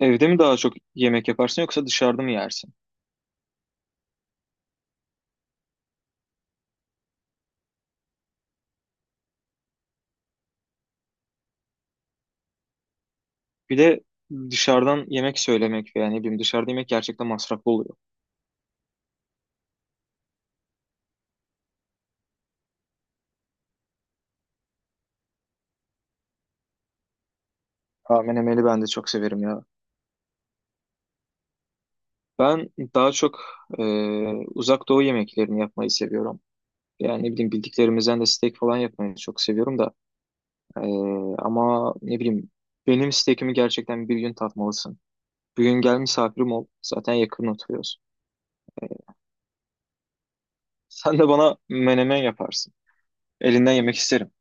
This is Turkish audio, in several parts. Evde mi daha çok yemek yaparsın yoksa dışarıda mı yersin? Bir de dışarıdan yemek söylemek veya ne bileyim dışarıda yemek gerçekten masraflı oluyor. Ha, menemeni ben de çok severim ya. Ben daha çok e, uzak doğu yemeklerini yapmayı seviyorum. Yani ne bileyim bildiklerimizden de steak falan yapmayı çok seviyorum da. E, ama ne bileyim benim steakimi gerçekten bir gün tatmalısın. Bir gün gel misafirim ol. Zaten yakın oturuyoruz. Sen de bana menemen yaparsın. Elinden yemek isterim.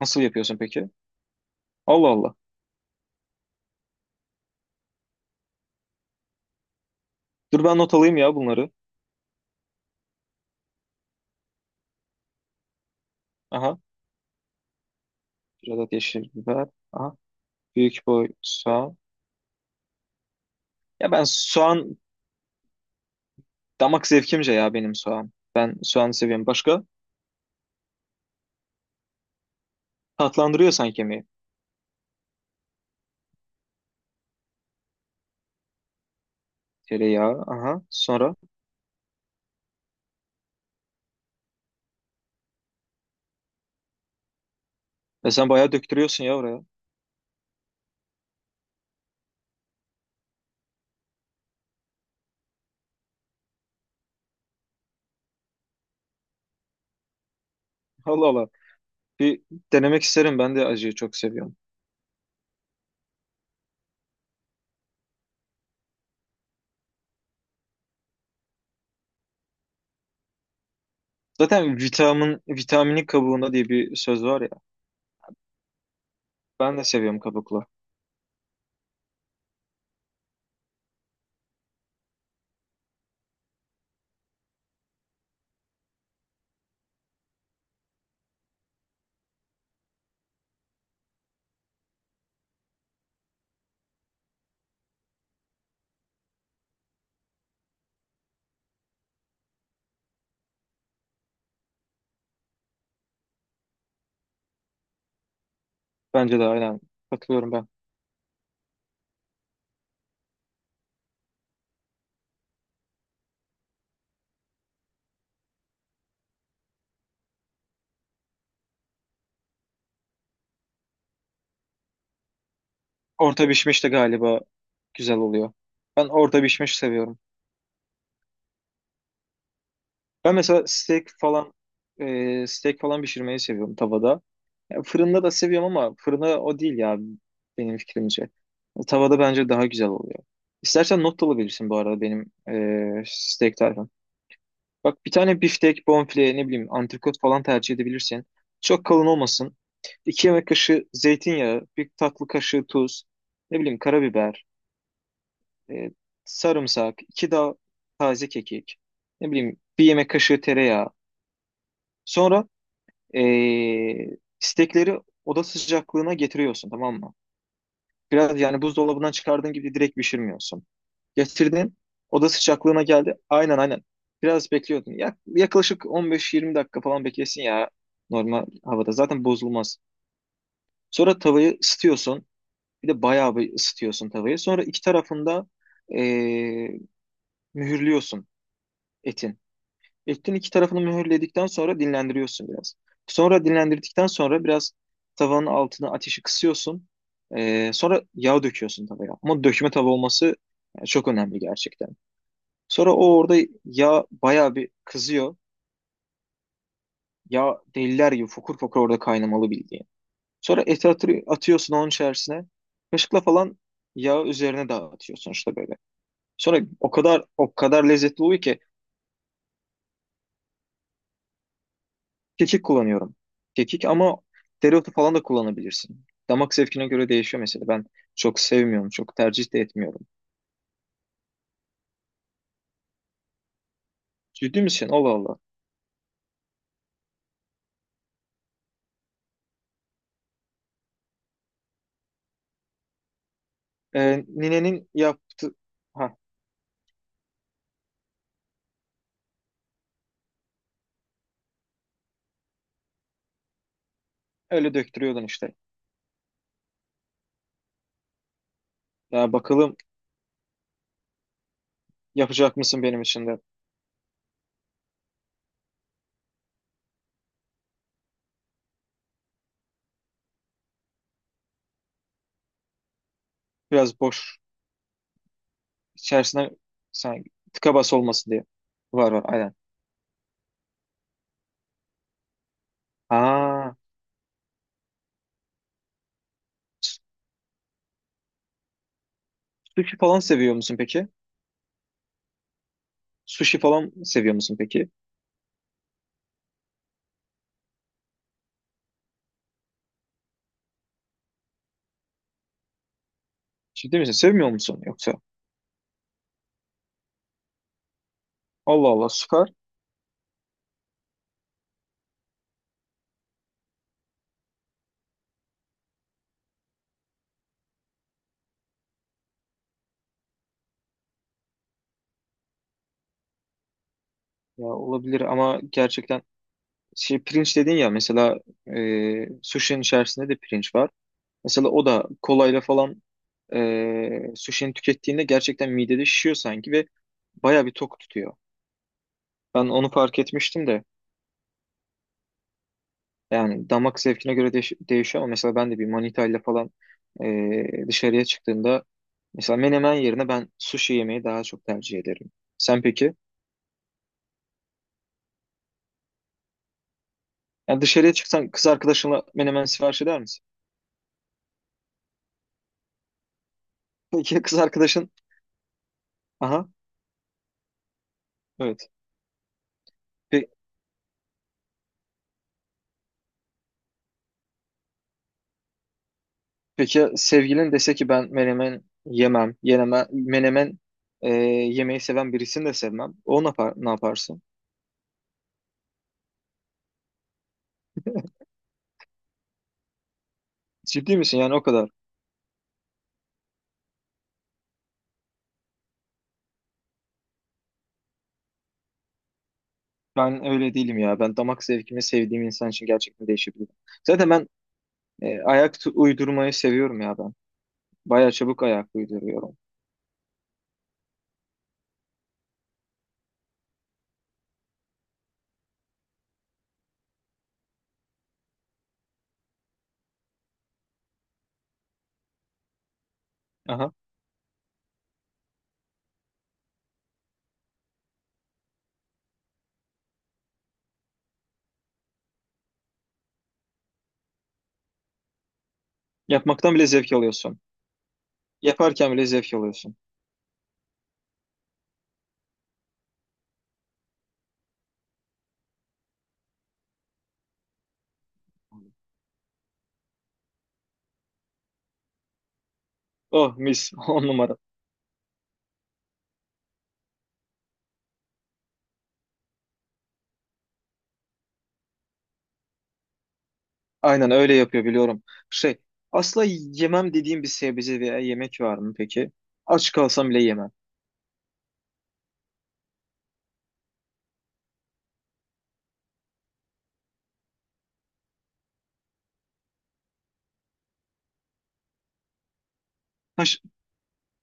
Nasıl yapıyorsun peki? Allah Allah. Dur ben not alayım ya bunları. Aha. Bir adet yeşil biber. Aha. Büyük boy soğan. Ya ben soğan damak zevkimce ya benim soğan. Ben soğan seviyorum. Başka? Tatlandırıyor sanki yemeği. Tereyağı. Aha. Sonra. Sen bayağı döktürüyorsun ya oraya. Allah Allah. Bir denemek isterim. Ben de acıyı çok seviyorum. Zaten vitamini kabuğunda diye bir söz var ya. Ben de seviyorum kabuklu. Bence de aynen. Katılıyorum ben. Orta pişmiş de galiba güzel oluyor. Ben orta pişmiş seviyorum. Ben mesela steak falan pişirmeyi seviyorum tavada. Ya fırında da seviyorum ama fırında o değil ya benim fikrimce. Tavada bence daha güzel oluyor. İstersen not da alabilirsin bu arada benim steak tarifim. Bak bir tane biftek, bonfile, ne bileyim antrikot falan tercih edebilirsin. Çok kalın olmasın. 2 yemek kaşığı zeytinyağı, bir tatlı kaşığı tuz, ne bileyim karabiber, e, sarımsak, 2 dal taze kekik, ne bileyim bir yemek kaşığı tereyağı. Sonra e, istekleri oda sıcaklığına getiriyorsun, tamam mı? Biraz yani buzdolabından çıkardığın gibi direkt pişirmiyorsun. Getirdin, oda sıcaklığına geldi. Aynen, aynen. Biraz bekliyordun. Yaklaşık 15-20 dakika falan beklesin ya, normal havada. Zaten bozulmaz. Sonra tavayı ısıtıyorsun. Bir de bayağı bir ısıtıyorsun tavayı. Sonra iki tarafında e, mühürlüyorsun etin. Etin iki tarafını mühürledikten sonra dinlendiriyorsun biraz. Sonra dinlendirdikten sonra biraz tavanın altına ateşi kısıyorsun. Sonra yağ döküyorsun tavaya. Ama dökme tava olması yani çok önemli gerçekten. Sonra o orada yağ bayağı bir kızıyor. Yağ deliler gibi fokur fokur orada kaynamalı bildiğin. Sonra eti atıyorsun onun içerisine. Kaşıkla falan yağı üzerine dağıtıyorsun işte böyle. Sonra o kadar o kadar lezzetli oluyor ki. Kekik kullanıyorum. Kekik, ama dereotu falan da kullanabilirsin. Damak zevkine göre değişiyor mesela. Ben çok sevmiyorum, çok tercih de etmiyorum. Ciddi misin? Allah Allah. Ninenin yaptı... Ha, öyle döktürüyordun işte. Ya bakalım yapacak mısın benim için de? Biraz boş. İçerisine sen tıka bas olmasın diye. Var var aynen. Aa, sushi falan seviyor musun peki? Sushi falan seviyor musun peki? Ciddi misin? Sevmiyor musun yoksa? Allah Allah, süper. Ya olabilir ama gerçekten. Şey, pirinç dedin ya, mesela sushi'nin içerisinde de pirinç var. Mesela o da kolayla falan sushi'ni tükettiğinde gerçekten midede şişiyor sanki ve baya bir tok tutuyor. Ben onu fark etmiştim de, yani damak zevkine göre değişiyor, ama mesela ben de bir manita ile falan dışarıya çıktığımda mesela menemen yerine ben sushi yemeyi daha çok tercih ederim. Sen peki? Yani dışarıya çıksan kız arkadaşınla menemen sipariş eder misin? Peki ya kız arkadaşın? Aha, evet. Pe- Peki sevgilin dese ki ben menemen yemem, menemen e, yemeği seven birisini de sevmem. O ne yapar, ne yaparsın? Ciddi misin yani o kadar? Ben öyle değilim ya. Ben damak zevkimi sevdiğim insan için gerçekten değişebilir. Zaten ben ayak uydurmayı seviyorum ya ben. Bayağı çabuk ayak uyduruyorum. Aha. Yapmaktan bile zevk alıyorsun. Yaparken bile zevk alıyorsun. Oh, mis. On numara. Aynen öyle yapıyor, biliyorum. Şey, asla yemem dediğim bir sebze veya yemek var mı peki? Aç kalsam bile yemem. Taş,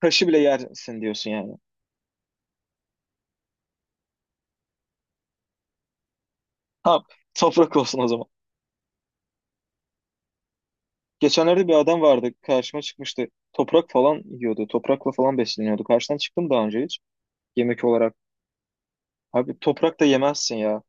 taşı bile yersin diyorsun yani. Ha, toprak olsun o zaman. Geçenlerde bir adam vardı, karşıma çıkmıştı. Toprak falan yiyordu. Toprakla falan besleniyordu. Karşıdan çıktım daha önce hiç. Yemek olarak. Abi toprak da yemezsin ya.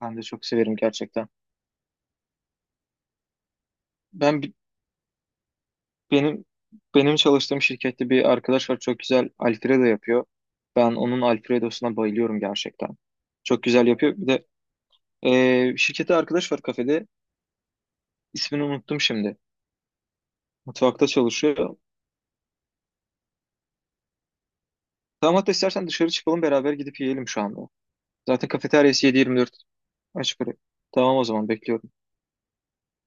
Ben de çok severim gerçekten. Ben Benim benim çalıştığım şirkette bir arkadaş var, çok güzel Alfredo yapıyor. Ben onun Alfredo'suna bayılıyorum gerçekten. Çok güzel yapıyor. Bir de şirkette arkadaş var, kafede. İsmini unuttum şimdi. Mutfakta çalışıyor. Tamam, hatta istersen dışarı çıkalım beraber, gidip yiyelim şu anda. Zaten kafeteryası 7-24 açık. Oraya. Tamam, o zaman bekliyorum.